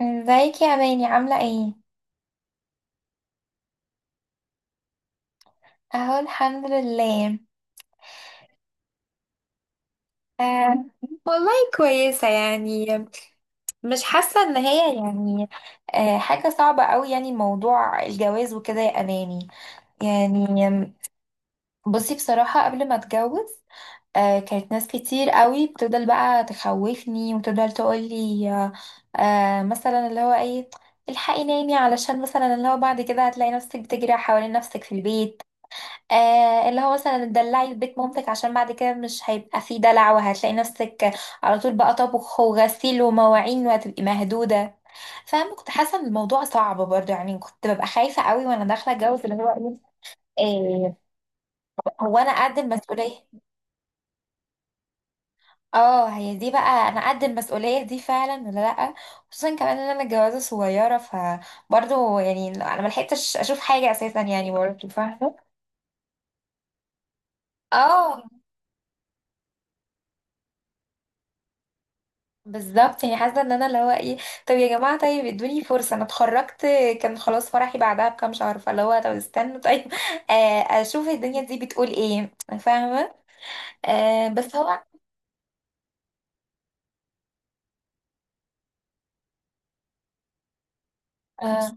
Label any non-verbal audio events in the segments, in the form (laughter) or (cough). ازيك يا ماني؟ عاملة ايه؟ اهو الحمد لله. آه والله، كويسة يعني. مش حاسة ان هي، يعني، حاجة صعبة قوي يعني، موضوع الجواز وكده يا اماني، يعني. بصي، بصراحة قبل ما اتجوز كانت ناس كتير قوي بتفضل بقى تخوفني وتفضل تقولي مثلا، اللي هو ايه، الحقي نامي، علشان مثلا اللي هو بعد كده هتلاقي نفسك بتجري حوالين نفسك في البيت. اللي هو مثلا تدلعي في بيت مامتك، عشان بعد كده مش هيبقى فيه دلع، وهتلاقي نفسك على طول بقى طبخ وغسيل ومواعين، وهتبقي مهدودة، فاهمة؟ كنت حاسة ان الموضوع صعب برضه يعني، كنت ببقى خايفة قوي وانا داخلة اتجوز، اللي هو ايه، إيه، هو انا قد المسؤولية؟ اه، هي دي بقى، انا قد المسؤولية دي فعلا ولا لأ؟ خصوصا كمان ان انا متجوزة صغيرة، فبرضه يعني انا ملحقتش اشوف حاجة اساسا، يعني برضه، فاهمة. اه، بالظبط يعني، حاسه ان انا، اللي هو ايه، طب يا جماعه طيب ادوني فرصه، انا اتخرجت كان خلاص فرحي بعدها بكام شهر، فاللي هو طب استنوا طيب (laughs) اشوف الدنيا دي بتقول ايه، فاهمه. بس هو آه،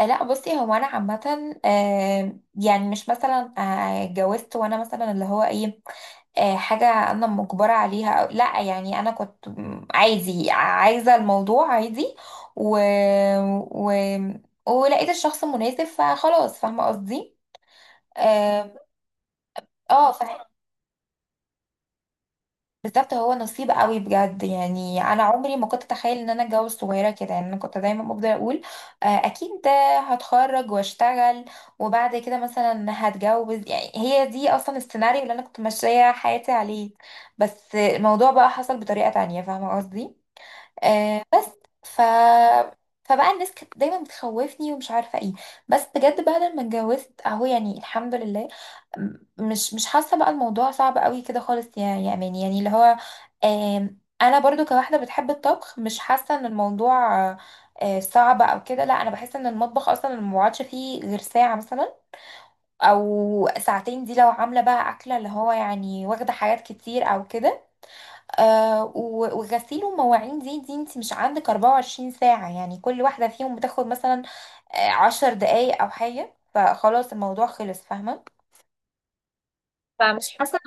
لا، بصي، هو انا عامه يعني مش مثلا اتجوزت وانا مثلا اللي هو ايه، حاجه انا مجبره عليها أو لا، يعني انا كنت عادي، عايزه الموضوع عادي، و... و... ولقيت الشخص المناسب، فخلاص فاهمه قصدي. اه، فاهمة بالظبط. هو نصيب قوي بجد، يعني انا عمري ما كنت اتخيل ان انا اتجوز صغيره كده، يعني انا كنت دايما بفضل اقول اكيد ده هتخرج واشتغل وبعد كده مثلا هتجوز، يعني هي دي اصلا السيناريو اللي انا كنت ماشيه حياتي عليه، بس الموضوع بقى حصل بطريقه تانية، فاهمه قصدي. بس ف فبقى الناس كانت دايما بتخوفني ومش عارفه ايه، بس بجد بعد ما اتجوزت اهو، يعني الحمد لله، مش حاسه بقى الموضوع صعب قوي كده خالص، يا امان، يعني اللي هو انا برضو كواحده بتحب الطبخ، مش حاسه ان الموضوع صعب او كده، لا، انا بحس ان المطبخ اصلا ما بقعدش فيه غير ساعه مثلا، او ساعتين، دي لو عامله بقى اكله اللي هو يعني واخده حاجات كتير او كده. وغسيل ومواعين، دي انت مش عندك 24 ساعة، يعني كل واحدة فيهم بتاخد مثلا عشر دقايق او حاجة، فخلاص الموضوع خلص، فاهمة. فمش حاسة،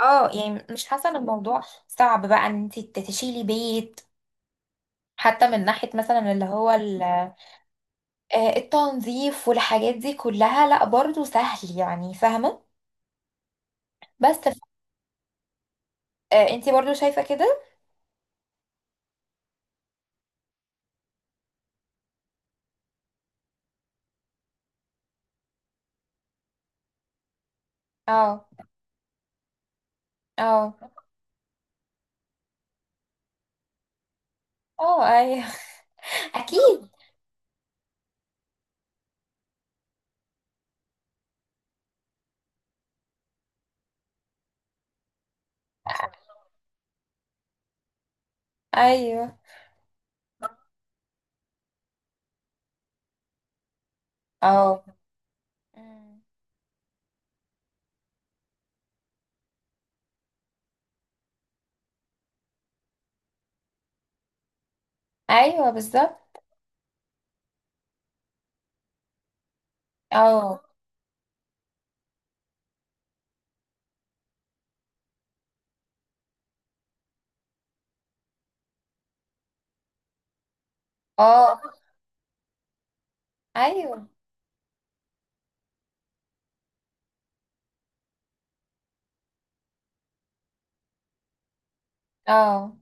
اه يعني مش حاسة ان الموضوع صعب بقى، ان انت تشيلي بيت، حتى من ناحية مثلا اللي هو التنظيف والحاجات دي كلها، لا برضو سهل يعني، فاهمة. بس ف- انت برضو شايفة كده. اه، اه، اه، ايوه (laughs) اكيد. ايوه. اه. ايوه بالظبط. اه. اه. ايوه. اه.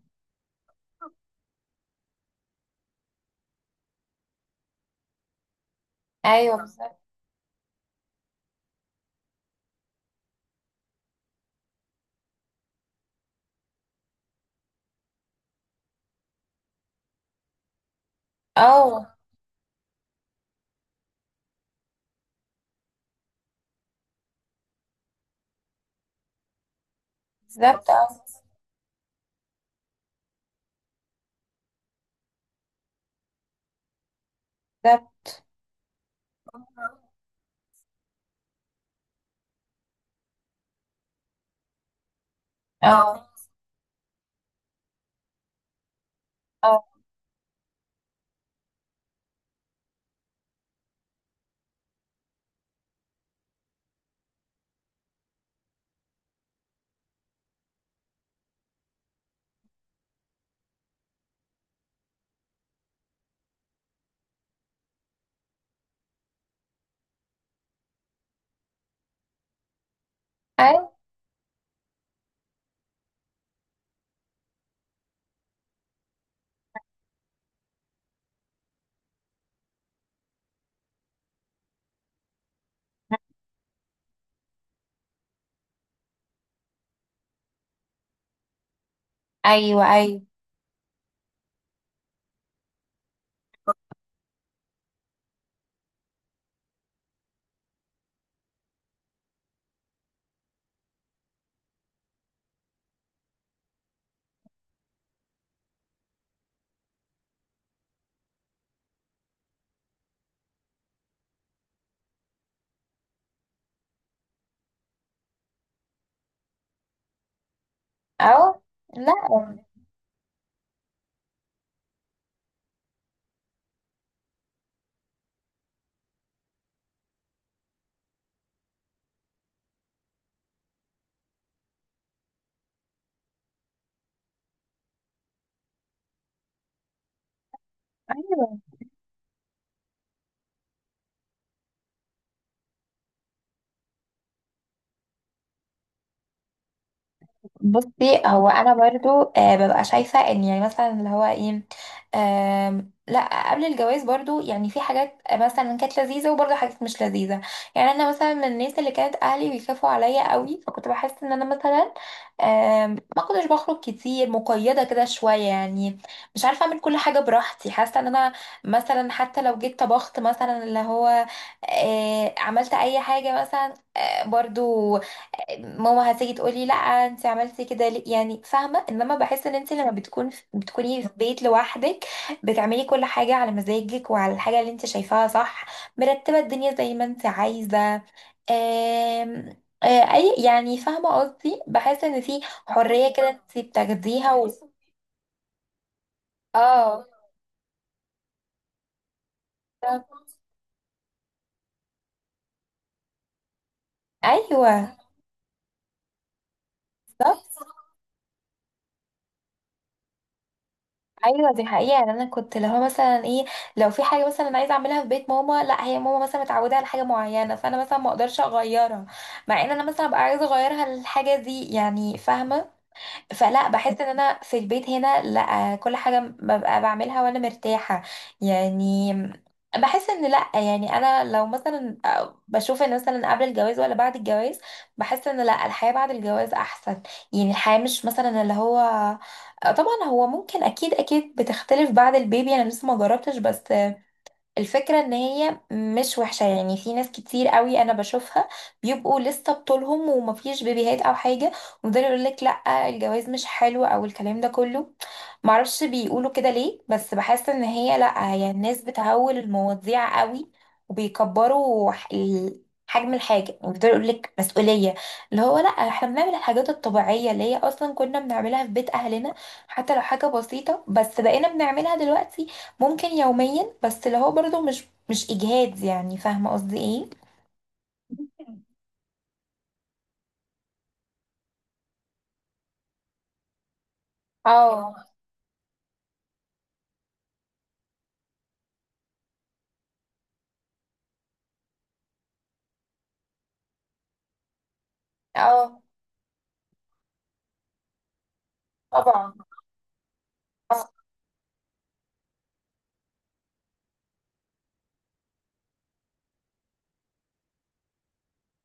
ايوه بالظبط. اه بالظبط. اه بالظبط. اه. اه. ايوه، ايوه، ايوه. اه لا. ايوه، بصي، هو انا برضو آه ببقى شايفه ان، يعني مثلا اللي هو ايه، لا قبل الجواز برضو يعني في حاجات مثلا كانت لذيذه، وبرضو حاجات مش لذيذه، يعني انا مثلا من الناس اللي كانت اهلي بيخافوا عليا قوي، فكنت بحس ان انا مثلا ما كنتش بخرج كتير، مقيده كده شويه يعني، مش عارفه اعمل كل حاجه براحتي، حاسه ان انا مثلا حتى لو جيت طبخت مثلا اللي هو عملت اي حاجه مثلا برضو ماما هتيجي تقولي لا انت عملتي كده ليه، يعني فاهمه. انما بحس ان انت لما بتكون بتكوني في بيت لوحدك، بتعملي كل حاجه على مزاجك، وعلى الحاجه اللي انت شايفاها صح، مرتبه الدنيا زي ما انت عايزه، آم، آه، اي يعني فاهمه قصدي، بحس ان في حريه كده انت بتاخديها اه. ايوه، ايوه، دي حقيقه. يعني انا كنت اللي هو مثلا ايه، لو في حاجه مثلا انا عايزه اعملها في بيت ماما، لا هي ماما مثلا متعوده على حاجه معينه، فانا مثلا ما اقدرش اغيرها، مع ان انا مثلا ابقى عايزه اغيرها الحاجه دي، يعني فاهمه. فلا بحس ان انا في البيت هنا لا، كل حاجة ببقى بعملها وانا مرتاحة، يعني. بحس ان لا، يعني انا لو مثلا بشوف ان مثلا قبل الجواز ولا بعد الجواز، بحس ان لا الحياة بعد الجواز احسن، يعني الحياة مش مثلا اللي هو طبعا هو ممكن اكيد، اكيد بتختلف بعد البيبي، انا لسه ما جربتش، بس الفكرة ان هي مش وحشة يعني، في ناس كتير قوي انا بشوفها بيبقوا لسه بطولهم ومفيش بيبيهات او حاجة، ويفضلوا يقول لك لا الجواز مش حلو، او الكلام ده كله، معرفش بيقولوا كده ليه، بس بحس ان هي لا، هي الناس بتهول المواضيع قوي، وبيكبروا حجم الحاجة، يعني بيفضلوا يقول لك مسؤولية، اللي هو لا، احنا بنعمل الحاجات الطبيعية اللي هي اصلا كنا بنعملها في بيت اهلنا، حتى لو حاجة بسيطة، بس بقينا بنعملها دلوقتي، ممكن يوميا، بس اللي هو برضو مش اجهاد، يعني فاهمه قصدي ايه. ممكن. اه. اه طبعا. آه.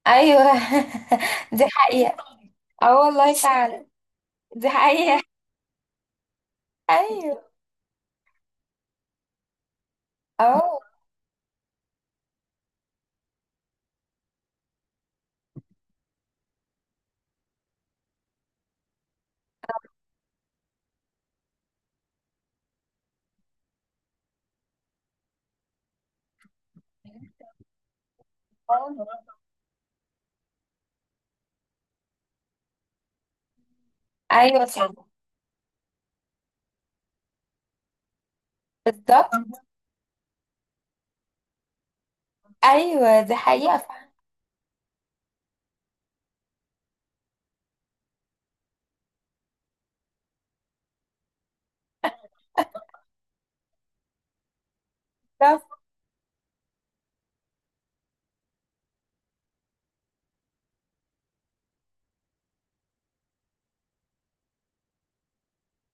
ايوه (laughs) دي حقيقه. اه والله فعلا دي حقيقه. ايوه. اه. آه. ايوه صح. بالظبط. ايوه دي حقيقه فعلا. بالظبط.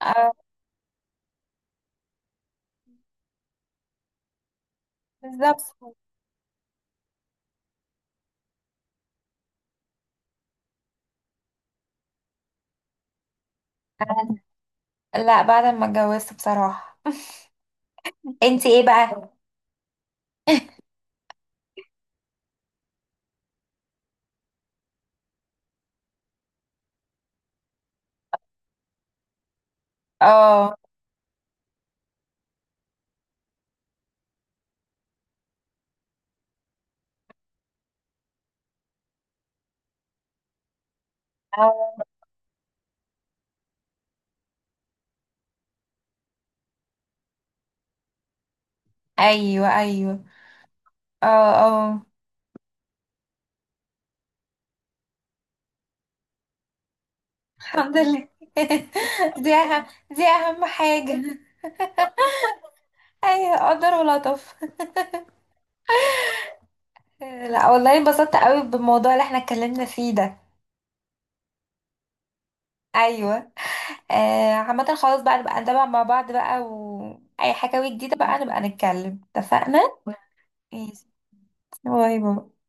آه، بالظبط. لا بعد ما اتجوزت بصراحه (laughs) انت ايه بقى؟ اه. آه. ايوه، ايوه. اه. اه الحمد لله. (laughs) دي أهم، دي أهم حاجة. أيوة قدر ولطف. لا والله انبسطت قوي بالموضوع اللي احنا اتكلمنا فيه ده. أيوة. آه، عامة خلاص بقى، نبقى نتابع مع بعض بقى، وأي حكاوي جديدة بقى نبقى نتكلم، اتفقنا؟ ماشي. باي باي.